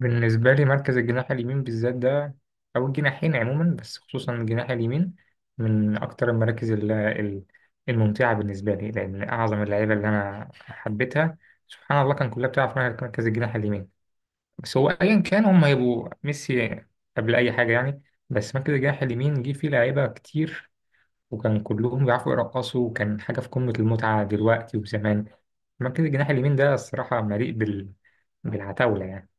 بالنسبة لي مركز الجناح اليمين بالذات ده، أو الجناحين عموما، بس خصوصا الجناح اليمين، من أكتر المراكز الممتعة بالنسبة لي، لأن أعظم اللعيبة اللي أنا حبيتها سبحان الله كان كلها بتلعب في مركز الجناح اليمين. بس هو أيا كان هم هيبقوا ميسي قبل أي حاجة يعني. بس مركز الجناح اليمين جه فيه لعيبة كتير، وكان كلهم بيعرفوا يرقصوا، وكان حاجة في قمة المتعة دلوقتي وزمان. مركز الجناح اليمين ده الصراحة مليء بال... بالعتاولة يعني.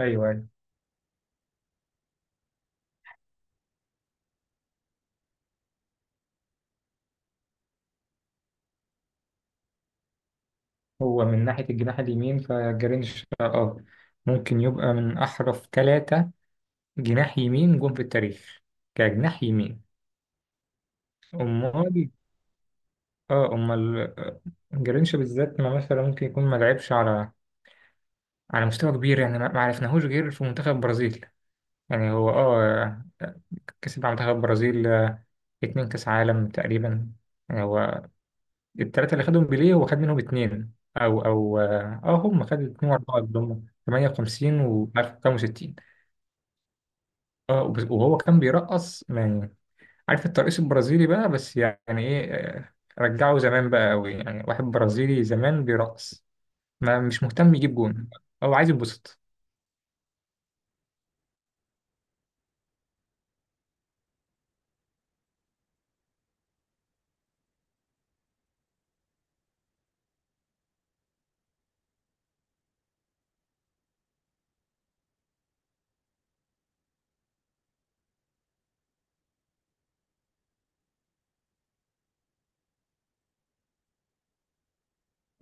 أيوه. هو من ناحية الجناح اليمين فجرينش اه ممكن يبقى من أحرف ثلاثة جناح يمين جم في التاريخ كجناح يمين. أمال. اه أمال. جرينش بالذات، ما مثلا ممكن يكون ما لعبش على على مستوى كبير يعني ما عرفناهوش غير في منتخب البرازيل. يعني هو اه كسب مع منتخب البرازيل 2 كأس عالم تقريبا. يعني هو التلاتة اللي خدهم بيليه هو خد منهم اتنين أو هم خدوا اتنين وأربعة ضمن 58 و 1065. اه وهو كان بيرقص يعني. عارف الترقيص البرازيلي بقى، بس يعني ايه آه، رجعه زمان بقى قوي، يعني واحد برازيلي زمان بيرقص ما مش مهتم يجيب جون. هو عايز يتبسط.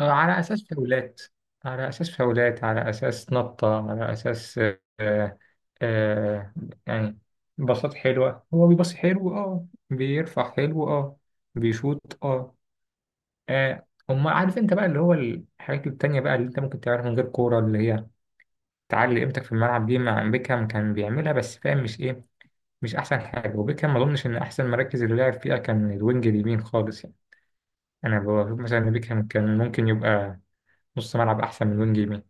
على اساس فاولات، على اساس نطة، على اساس آه آه يعني باصات حلوة، هو بيباصي حلو اه، بيرفع حلو اه، بيشوط اه. أما عارف انت بقى اللي هو الحاجات التانية بقى اللي انت ممكن تعملها من غير كورة، اللي هي تعلي قيمتك في الملعب، دي مع بيكهام كان بيعملها، بس فاهم مش ايه، مش احسن حاجه. وبيكهام ما اظنش ان احسن مراكز اللي لعب فيها كان الوينج اليمين خالص يعني. انا بشوف مثلا ان بيكهام كان ممكن يبقى نص ملعب احسن من وينج يمين.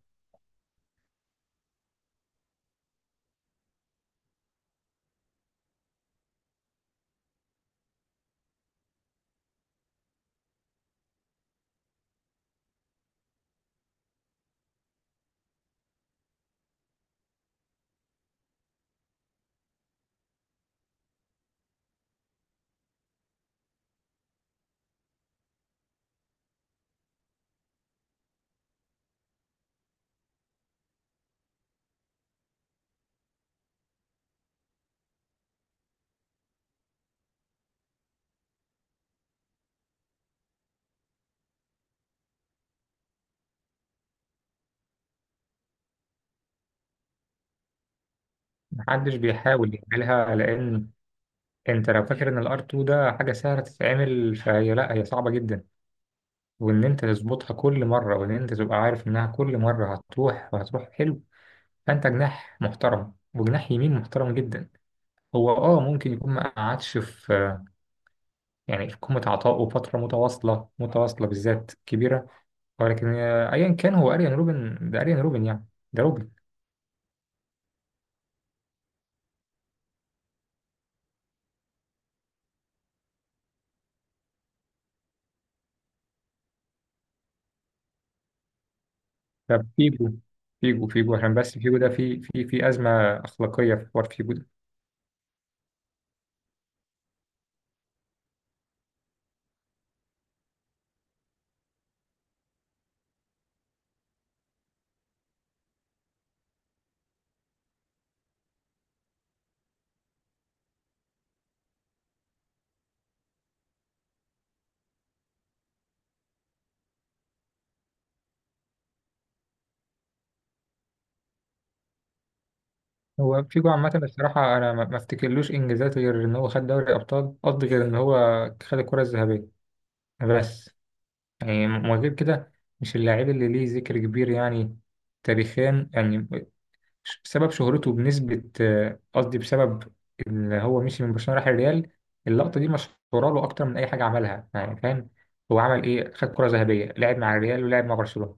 محدش بيحاول يعملها، لان انت لو فاكر ان الار 2 ده حاجه سهله تتعمل فهي لا، هي صعبه جدا، وان انت تظبطها كل مره، وان انت تبقى عارف انها كل مره هتروح وهتروح حلو. فانت جناح محترم، وجناح يمين محترم جدا. هو اه ممكن يكون ما قعدش في، يعني في قمة عطائه فترة متواصلة متواصلة بالذات كبيرة، ولكن آه، أيا كان هو أريان روبن، ده أريان روبن يعني. ده روبن. طب فيجو. فيجو عشان بس فيجو ده في أزمة أخلاقية، في حوار فيجو ده. هو فيجو عامة بصراحة أنا ما أفتكرلوش إنجازات غير إن هو خد دوري أبطال، قصدي غير إن هو خد الكرة الذهبية بس. يعني من غير كده مش اللاعب اللي ليه ذكر كبير يعني، تاريخيا يعني، بسبب شهرته بنسبة، قصدي بسبب إن هو مشي من برشلونة راح الريال. اللقطة دي مشهورة له أكتر من أي حاجة عملها يعني فاهم. هو عمل إيه؟ خد كرة ذهبية، لعب مع الريال ولعب مع برشلونة.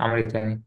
عمل إيه تاني؟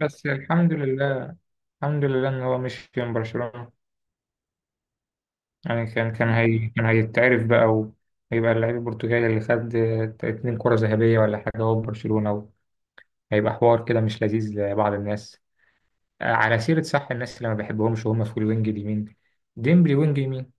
بس الحمد لله، الحمد لله إن هو مشي من برشلونة، يعني كان كان هي كان هيتعرف بقى، وهيبقى اللعيب البرتغالي اللي خد 2 كرة ذهبية ولا حاجة هو في برشلونة. هيبقى حوار كده مش لذيذ لبعض الناس. على سيرة صح، الناس اللي ما بحبهمش وهم في الوينج اليمين، ديمبلي وينج يمين.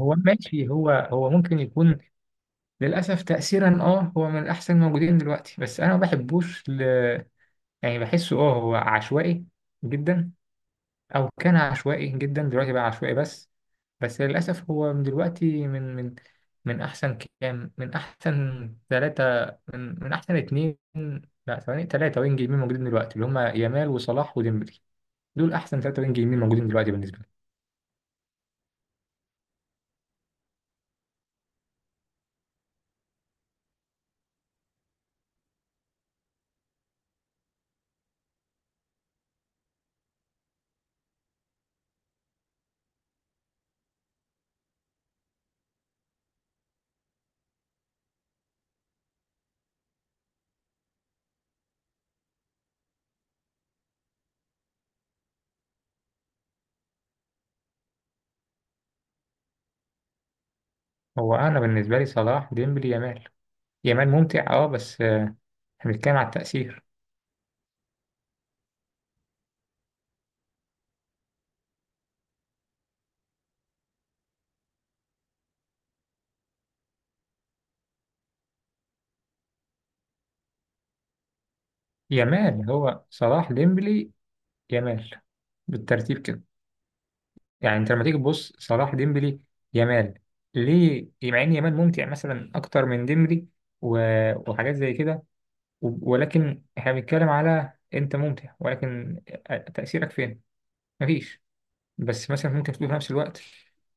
هو ماشي، هو ممكن يكون للأسف تأثيرا اه هو من الأحسن موجودين دلوقتي، بس أنا ما بحبوش ل... يعني بحسه اه هو عشوائي جدا، أو كان عشوائي جدا، دلوقتي بقى عشوائي بس. بس للأسف هو من دلوقتي من أحسن كام، من أحسن ثلاثة، من أحسن اتنين، لا ثواني، ثلاثة وينج يمين موجودين دلوقتي اللي هما يامال وصلاح وديمبلي. دول احسن ثلاثة وينج يمين موجودين دلوقتي بالنسبة لي. هو انا بالنسبة لي صلاح ديمبلي يامال. يامال ممتع اه، بس آه، احنا بنتكلم على التأثير. يامال هو صلاح ديمبلي يامال، بالترتيب كده. يعني انت لما تيجي تبص صلاح ديمبلي يامال، ليه مع ان يامال ممتع مثلا اكتر من ديمبلي و... وحاجات زي كده، و... ولكن احنا بنتكلم على انت ممتع، ولكن آه، تأثيرك فين؟ مفيش. بس مثلا ممكن تقول في نفس الوقت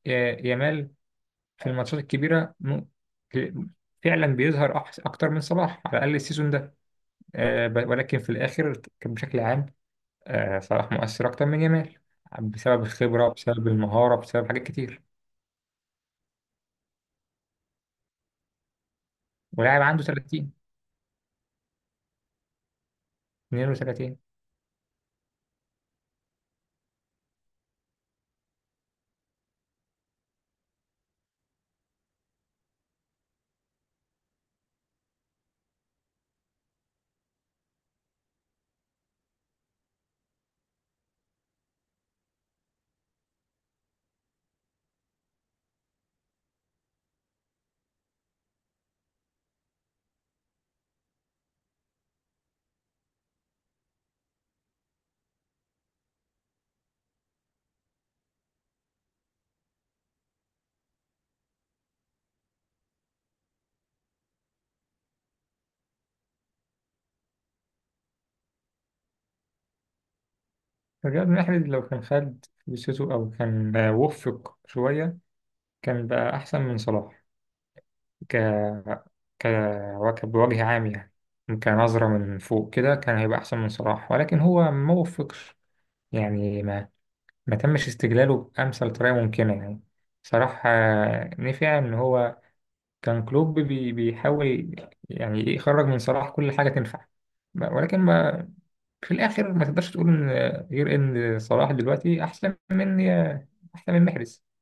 يامال في الماتشات الكبيرة ك- فعلا بيظهر أكتر من صلاح، على الأقل السيزون ده آه، ولكن في الآخر كان بشكل عام آه، صلاح مؤثر أكتر من جمال، بسبب الخبرة، بسبب المهارة، بسبب حاجات كتير. ولاعب عنده 30، 32. رياض محرز لو كان خد فرصته أو كان آه، وفق شوية، كان بقى أحسن من صلاح. ك ك بوجه عام يعني، كنظرة من فوق كده كان هيبقى أحسن من صلاح، ولكن هو ما وفقش، يعني ما تمش استغلاله بأمثل طريقة ممكنة يعني. صراحة آه، نفع إن هو كان كلوب بي بيحاول يعني يخرج من صلاح كل حاجة تنفع، ولكن ما في الآخر ما تقدرش تقول إن آه، غير إن صلاح دلوقتي أحسن من آه، أحسن من محرز.